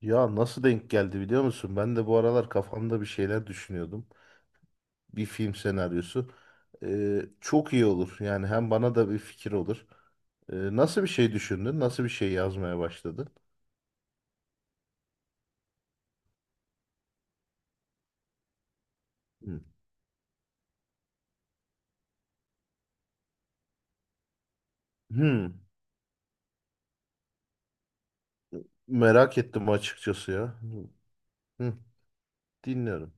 Ya nasıl denk geldi biliyor musun? Ben de bu aralar kafamda bir şeyler düşünüyordum. Bir film senaryosu. Çok iyi olur. Yani hem bana da bir fikir olur. Nasıl bir şey düşündün? Nasıl bir şey yazmaya başladın? Hı. Hı. Merak ettim açıkçası ya. Hı. Hı. Dinliyorum.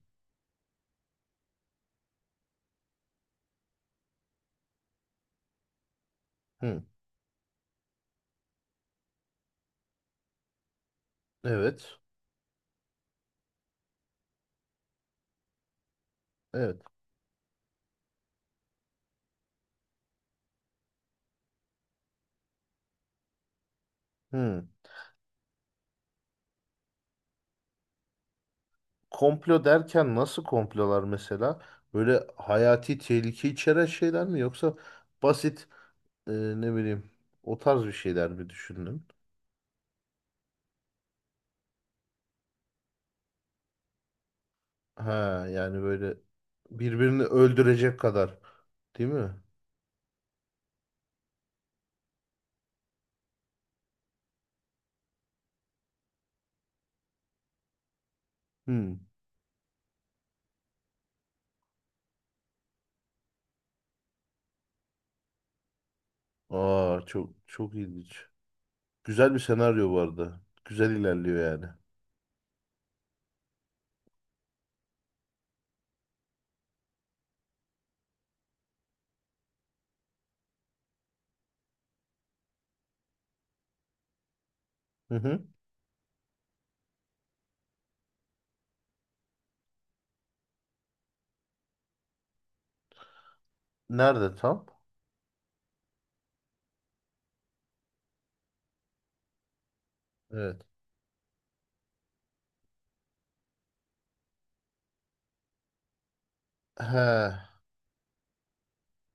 Hı. Evet. Evet. Hı. Komplo derken nasıl komplolar mesela? Böyle hayati tehlike içeren şeyler mi yoksa basit e, ne bileyim o tarz bir şeyler mi düşündün? Ha yani böyle birbirini öldürecek kadar değil mi? Hmm. Aa çok çok ilginç. Güzel bir senaryo bu arada. Güzel ilerliyor yani. Hı hı. Nerede tam? Evet. He.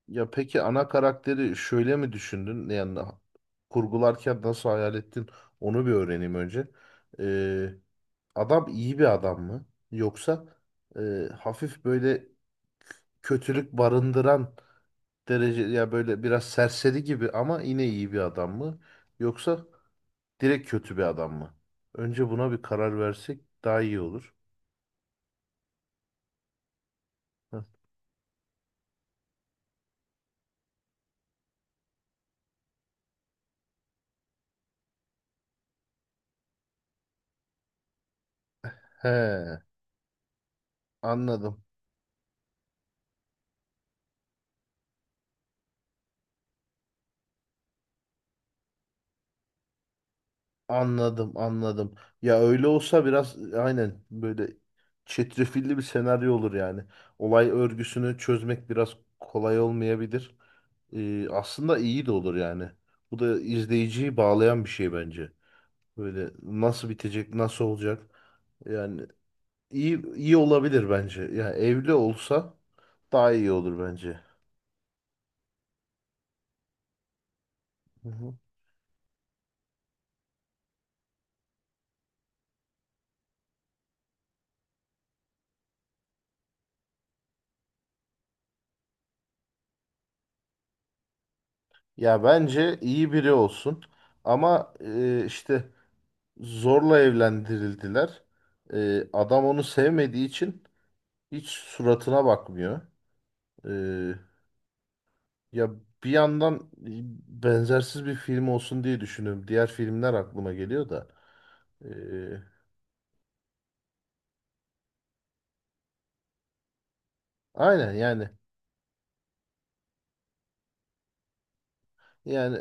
Ya peki ana karakteri şöyle mi düşündün? Yani kurgularken nasıl hayal ettin? Onu bir öğreneyim önce. Ee, Adam iyi bir adam mı? Yoksa hafif böyle kötülük barındıran derece ya böyle biraz serseri gibi ama yine iyi bir adam mı? Yoksa direkt kötü bir adam mı? Önce buna bir karar versek daha iyi olur. Hı. He, anladım. Anladım, anladım. Ya öyle olsa biraz aynen böyle çetrefilli bir senaryo olur yani. Olay örgüsünü çözmek biraz kolay olmayabilir. Aslında iyi de olur yani. Bu da izleyiciyi bağlayan bir şey bence. Böyle nasıl bitecek, nasıl olacak? Yani iyi olabilir bence. Yani evli olsa daha iyi olur bence. Hı hı. Ya bence iyi biri olsun. Ama işte zorla evlendirildiler. Adam onu sevmediği için hiç suratına bakmıyor. E, ya Bir yandan e, benzersiz bir film olsun diye düşünüyorum. Diğer filmler aklıma geliyor da. E, aynen yani Yani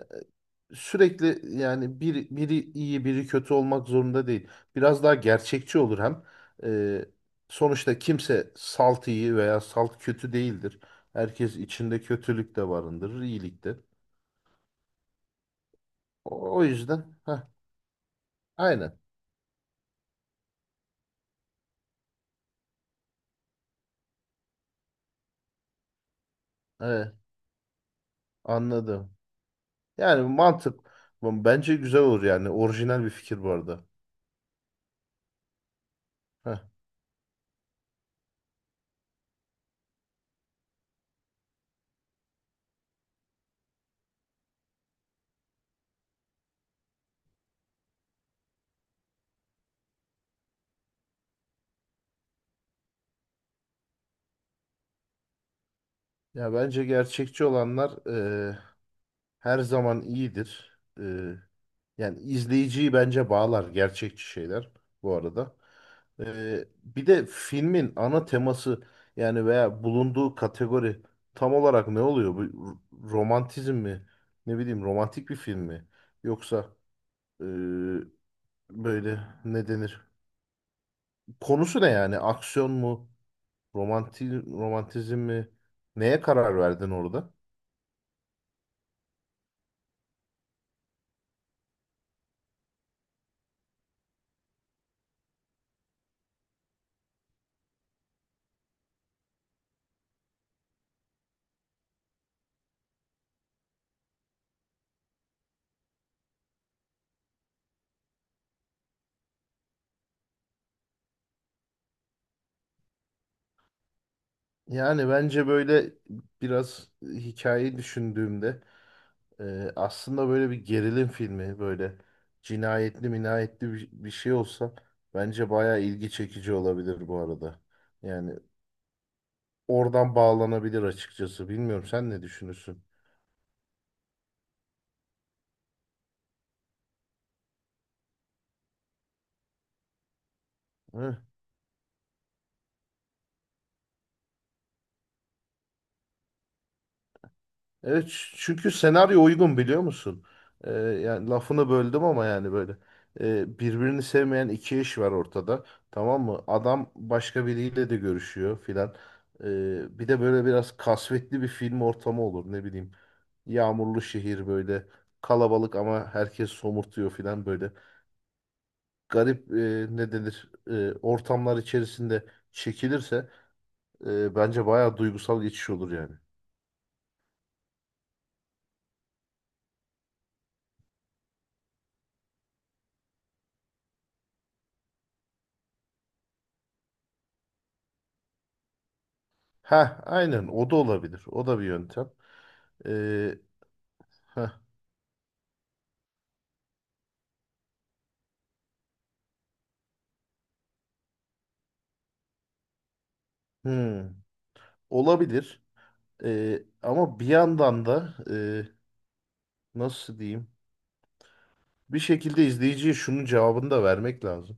sürekli yani biri iyi biri kötü olmak zorunda değil. Biraz daha gerçekçi olur hem. E, Sonuçta kimse salt iyi veya salt kötü değildir. Herkes içinde kötülük de barındırır, iyilik de. O yüzden heh, aynen. Evet, anladım. Yani mantık bence güzel olur yani. Orijinal bir fikir bu arada. Heh. Ya bence gerçekçi olanlar e, her zaman iyidir. Yani izleyiciyi bence bağlar gerçekçi şeyler bu arada. Bir de filmin ana teması yani veya bulunduğu kategori tam olarak ne oluyor? Romantizm mi? Ne bileyim romantik bir film mi? Yoksa ee, böyle ne denir? Konusu ne yani? Aksiyon mu? Romantizm mi? Neye karar verdin orada? Yani bence böyle biraz hikayeyi düşündüğümde aslında böyle bir gerilim filmi böyle cinayetli minayetli bir şey olsa bence bayağı ilgi çekici olabilir bu arada. Yani oradan bağlanabilir açıkçası. Bilmiyorum sen ne düşünürsün? Evet çünkü senaryo uygun biliyor musun? Yani lafını böldüm ama yani böyle birbirini sevmeyen iki eş var ortada tamam mı? Adam başka biriyle de görüşüyor filan. Bir de böyle biraz kasvetli bir film ortamı olur ne bileyim. Yağmurlu şehir böyle kalabalık ama herkes somurtuyor filan böyle. Garip ne denir ortamlar içerisinde çekilirse bence bayağı duygusal geçiş olur yani. Ha aynen o da olabilir. O da bir yöntem. Ee, heh, hmm, olabilir. Ama bir yandan da nasıl diyeyim? Bir şekilde izleyiciye şunun cevabını da vermek lazım.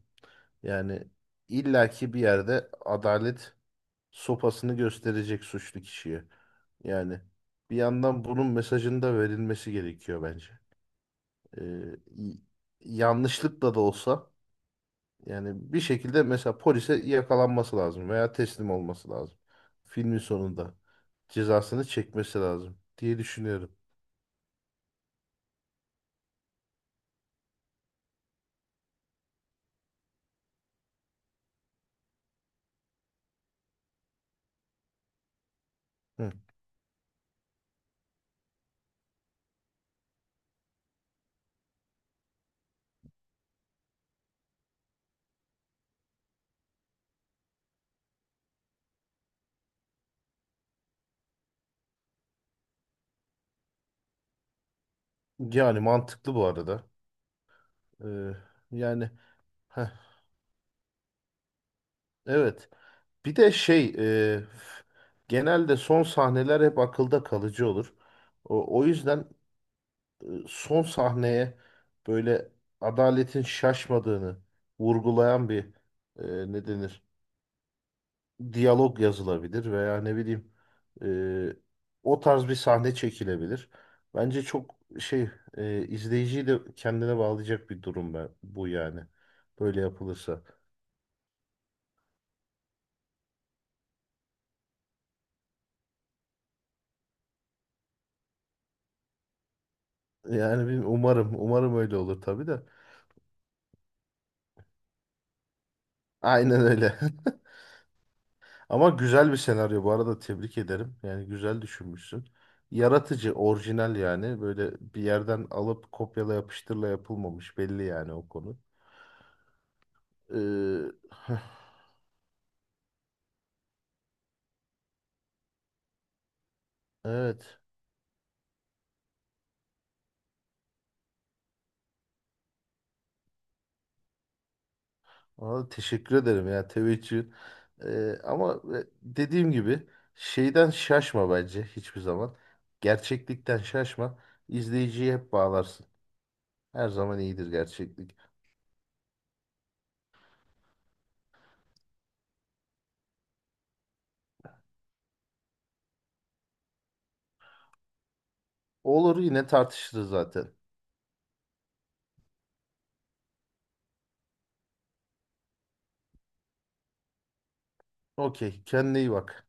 Yani illaki bir yerde adalet sopasını gösterecek suçlu kişiye. Yani bir yandan bunun mesajının da verilmesi gerekiyor bence. Ee, y- Yanlışlıkla da olsa. Yani bir şekilde mesela polise yakalanması lazım veya teslim olması lazım. Filmin sonunda cezasını çekmesi lazım diye düşünüyorum. Hı. Yani mantıklı bu arada. Ee, yani heh, evet. Bir de şey e, f- genelde son sahneler hep akılda kalıcı olur. O yüzden son sahneye böyle adaletin şaşmadığını vurgulayan bir ne denir? Diyalog yazılabilir veya ne bileyim e, o tarz bir sahne çekilebilir. Bence çok şey e, izleyiciyi de kendine bağlayacak bir durum bu yani. Böyle yapılırsa. Yani bilmiyorum, umarım öyle olur tabii de. Aynen öyle. Ama güzel bir senaryo bu arada tebrik ederim. Yani güzel düşünmüşsün. Yaratıcı, orijinal yani. Böyle bir yerden alıp kopyala yapıştırla yapılmamış belli yani o konu. Ee, evet. Valla teşekkür ederim ya teveccühün. Dediğim gibi şeyden şaşma bence hiçbir zaman. Gerçeklikten şaşma. İzleyiciyi hep bağlarsın. Her zaman iyidir gerçeklik. Olur yine tartışırız zaten. Okey kendine iyi bak.